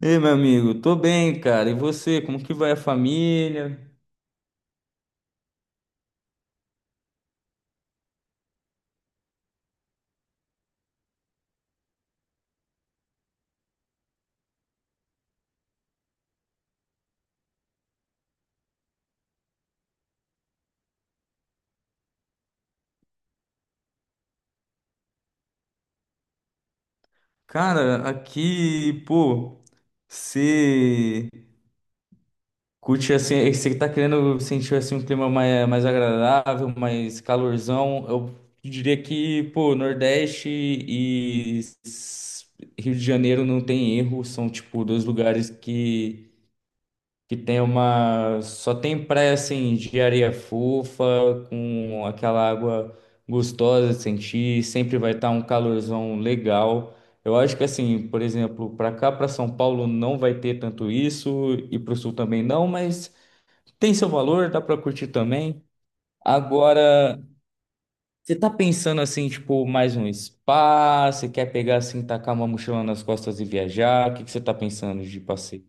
Ei, meu amigo, tô bem, cara. E você, como que vai a família? Cara, aqui, pô, você curte assim, você tá querendo sentir assim um clima mais agradável, mais calorzão. Eu diria que, pô, Nordeste e s- Rio de Janeiro não tem erro, são tipo dois lugares que tem uma. Só tem praia assim de areia fofa, com aquela água gostosa de sentir, sempre vai estar um calorzão legal. Eu acho que assim, por exemplo, para cá, para São Paulo, não vai ter tanto isso, e para o Sul também não, mas tem seu valor, dá para curtir também. Agora, você tá pensando assim, tipo, mais um spa? Você quer pegar assim, tacar uma mochila nas costas e viajar? O que que você tá pensando de passeio?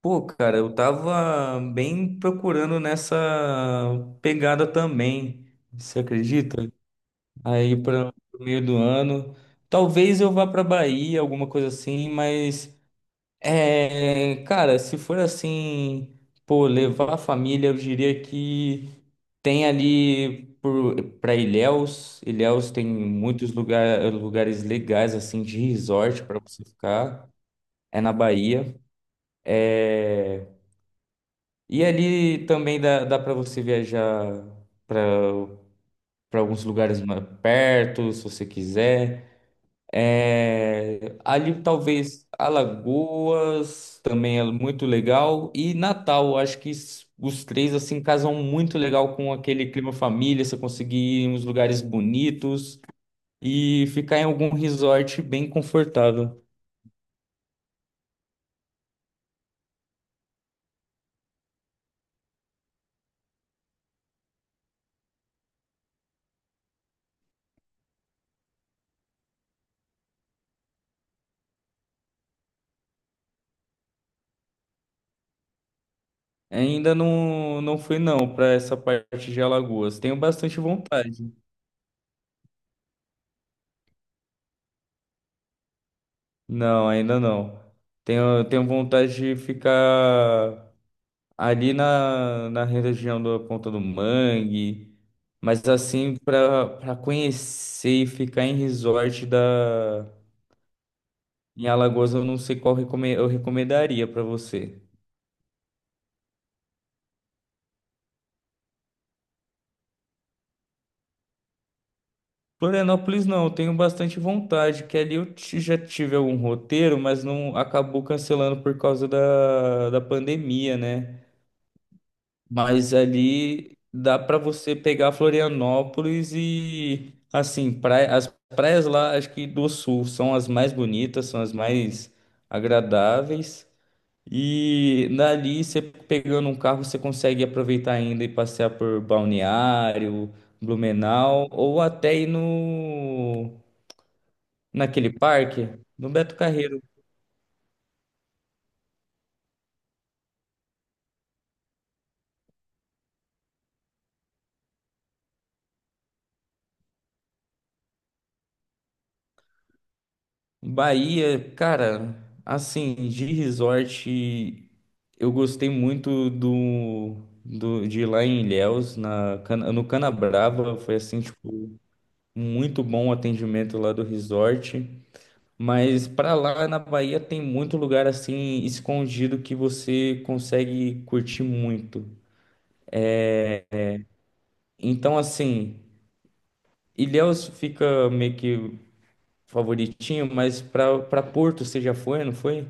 Pô, cara, eu tava bem procurando nessa pegada também, você acredita? Aí para o meio do ano, talvez eu vá pra Bahia, alguma coisa assim, mas é, cara, se for assim, pô, levar a família, eu diria que tem ali por, pra Ilhéus, Ilhéus tem muitos lugar, lugares legais assim de resort pra você ficar, é na Bahia. É, e ali também dá para você viajar para para alguns lugares mais perto, se você quiser. É, ali talvez Alagoas também é muito legal e Natal, acho que os três assim casam muito legal com aquele clima família, você conseguir ir em uns lugares bonitos e ficar em algum resort bem confortável. Ainda não, não fui não para essa parte de Alagoas. Tenho bastante vontade. Não, ainda não. Tenho vontade de ficar ali na região da Ponta do Mangue, mas assim, para conhecer e ficar em resort da, em Alagoas, eu não sei qual eu recomendaria para você. Florianópolis não, eu tenho bastante vontade, que ali eu já tive algum roteiro, mas não acabou cancelando por causa da pandemia, né? Mas ali dá para você pegar Florianópolis e assim, praia, as praias lá, acho que do sul são as mais bonitas, são as mais agradáveis. E dali você pegando um carro, você consegue aproveitar ainda e passear por Balneário, Blumenau ou até ir naquele parque, no Beto Carreiro. Bahia, cara, assim, de resort, eu gostei muito do de ir lá em Ilhéus, na, no Canabrava, foi assim, tipo, muito bom o atendimento lá do resort. Mas pra lá na Bahia tem muito lugar assim escondido que você consegue curtir muito. Então, assim, Ilhéus fica meio que favoritinho, mas pra para Porto você já foi, não foi?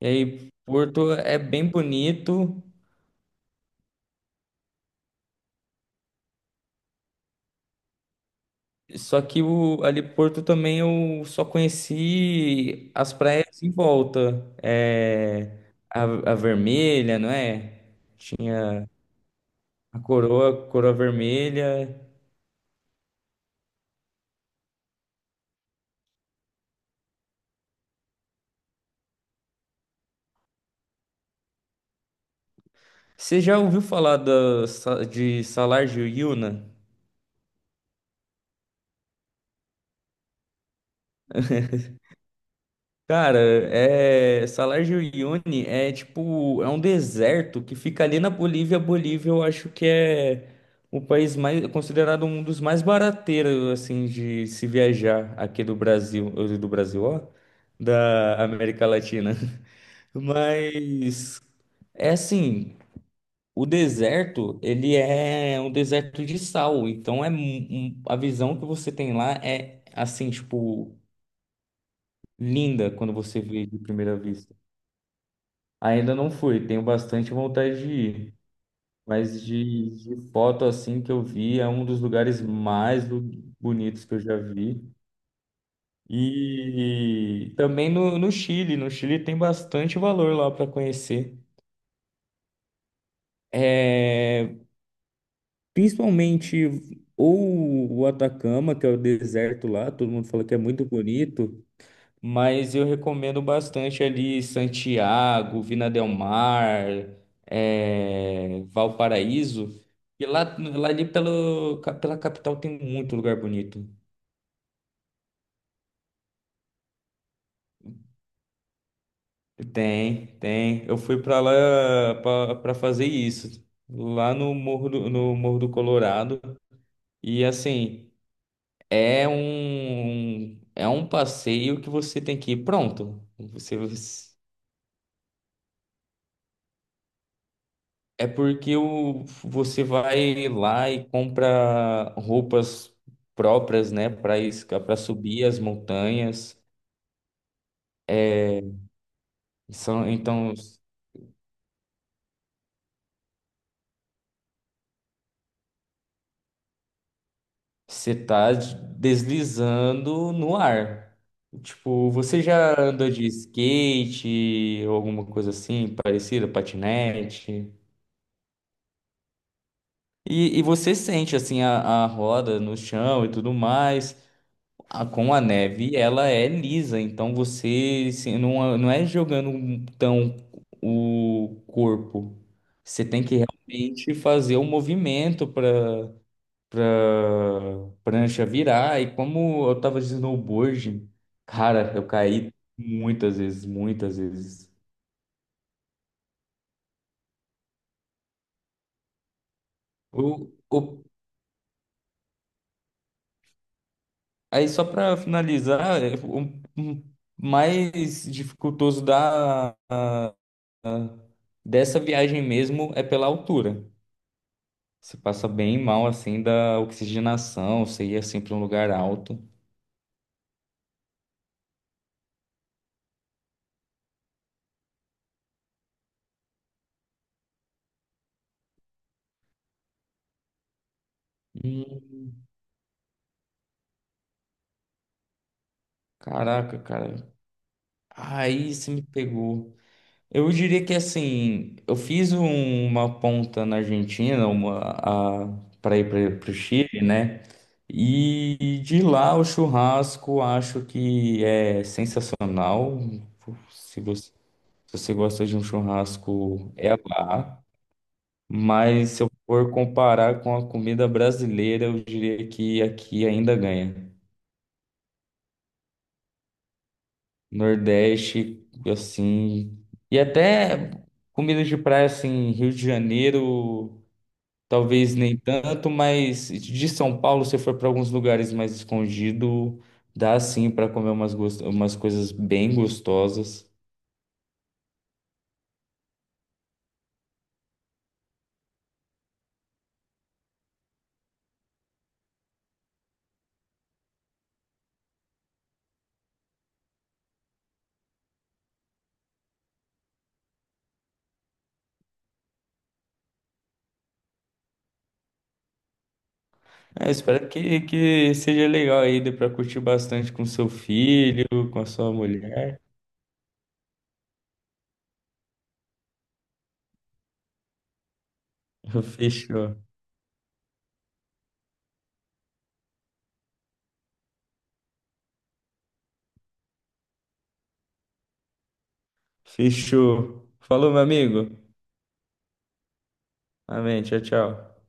E aí, Porto é bem bonito, só que o, ali Porto também eu só conheci as praias em volta. É, a, a Vermelha, não é? Tinha a Coroa, Coroa Vermelha. Você já ouviu falar da, de Salar de Uyuna? Cara, Salar de Uyuni é tipo, é um deserto que fica ali na Bolívia. A Bolívia eu acho que é o país mais, considerado um dos mais barateiros, assim, de se viajar aqui do Brasil, ou do Brasil, ó, da América Latina. Mas, é assim, o deserto, ele é um deserto de sal, então é a visão que você tem lá é, assim, tipo, linda quando você vê de primeira vista. Ainda não fui, tenho bastante vontade de ir, mas de foto assim que eu vi, é um dos lugares mais bonitos que eu já vi. E também no Chile, no Chile tem bastante valor lá para conhecer. É, principalmente ou o Atacama, que é o deserto lá, todo mundo fala que é muito bonito, mas eu recomendo bastante ali Santiago, Vina del Mar, Valparaíso. E lá ali pelo, pela capital tem muito lugar bonito. Tem, tem. Eu fui para lá para fazer isso, lá no Morro no Morro do Colorado. E assim, é é um passeio que você tem que ir pronto. Você é porque o, você vai lá e compra roupas próprias, né, para isca, para subir as montanhas. Então, você tá deslizando no ar. Tipo, você já andou de skate ou alguma coisa assim, parecida, patinete? E você sente, assim, a roda no chão e tudo mais. Ah, com a neve, ela é lisa, então você assim, não, não é jogando tão o corpo. Você tem que realmente fazer o movimento para prancha virar. E como eu tava de snowboard, cara, eu caí muitas vezes, muitas vezes. O, o, aí só para finalizar, é, o mais dificultoso a- dessa viagem mesmo é pela altura. Você passa bem mal assim da oxigenação, você ia assim para um lugar alto. Hum, caraca, cara. Aí você me pegou. Eu diria que assim, eu fiz uma ponta na Argentina, uma para ir para o Chile, né? E de lá o churrasco acho que é sensacional. Se você, se você gosta de um churrasco, é lá. Mas se eu for comparar com a comida brasileira, eu diria que aqui ainda ganha. Nordeste, assim. E até comidas de praia, assim, Rio de Janeiro, talvez nem tanto, mas de São Paulo, se for para alguns lugares mais escondido dá sim para comer umas, umas coisas bem gostosas. É, eu espero que seja legal aí, dê para curtir bastante com seu filho, com a sua mulher. Fechou. Fechou. Falou, meu amigo. Amém. Tchau, tchau.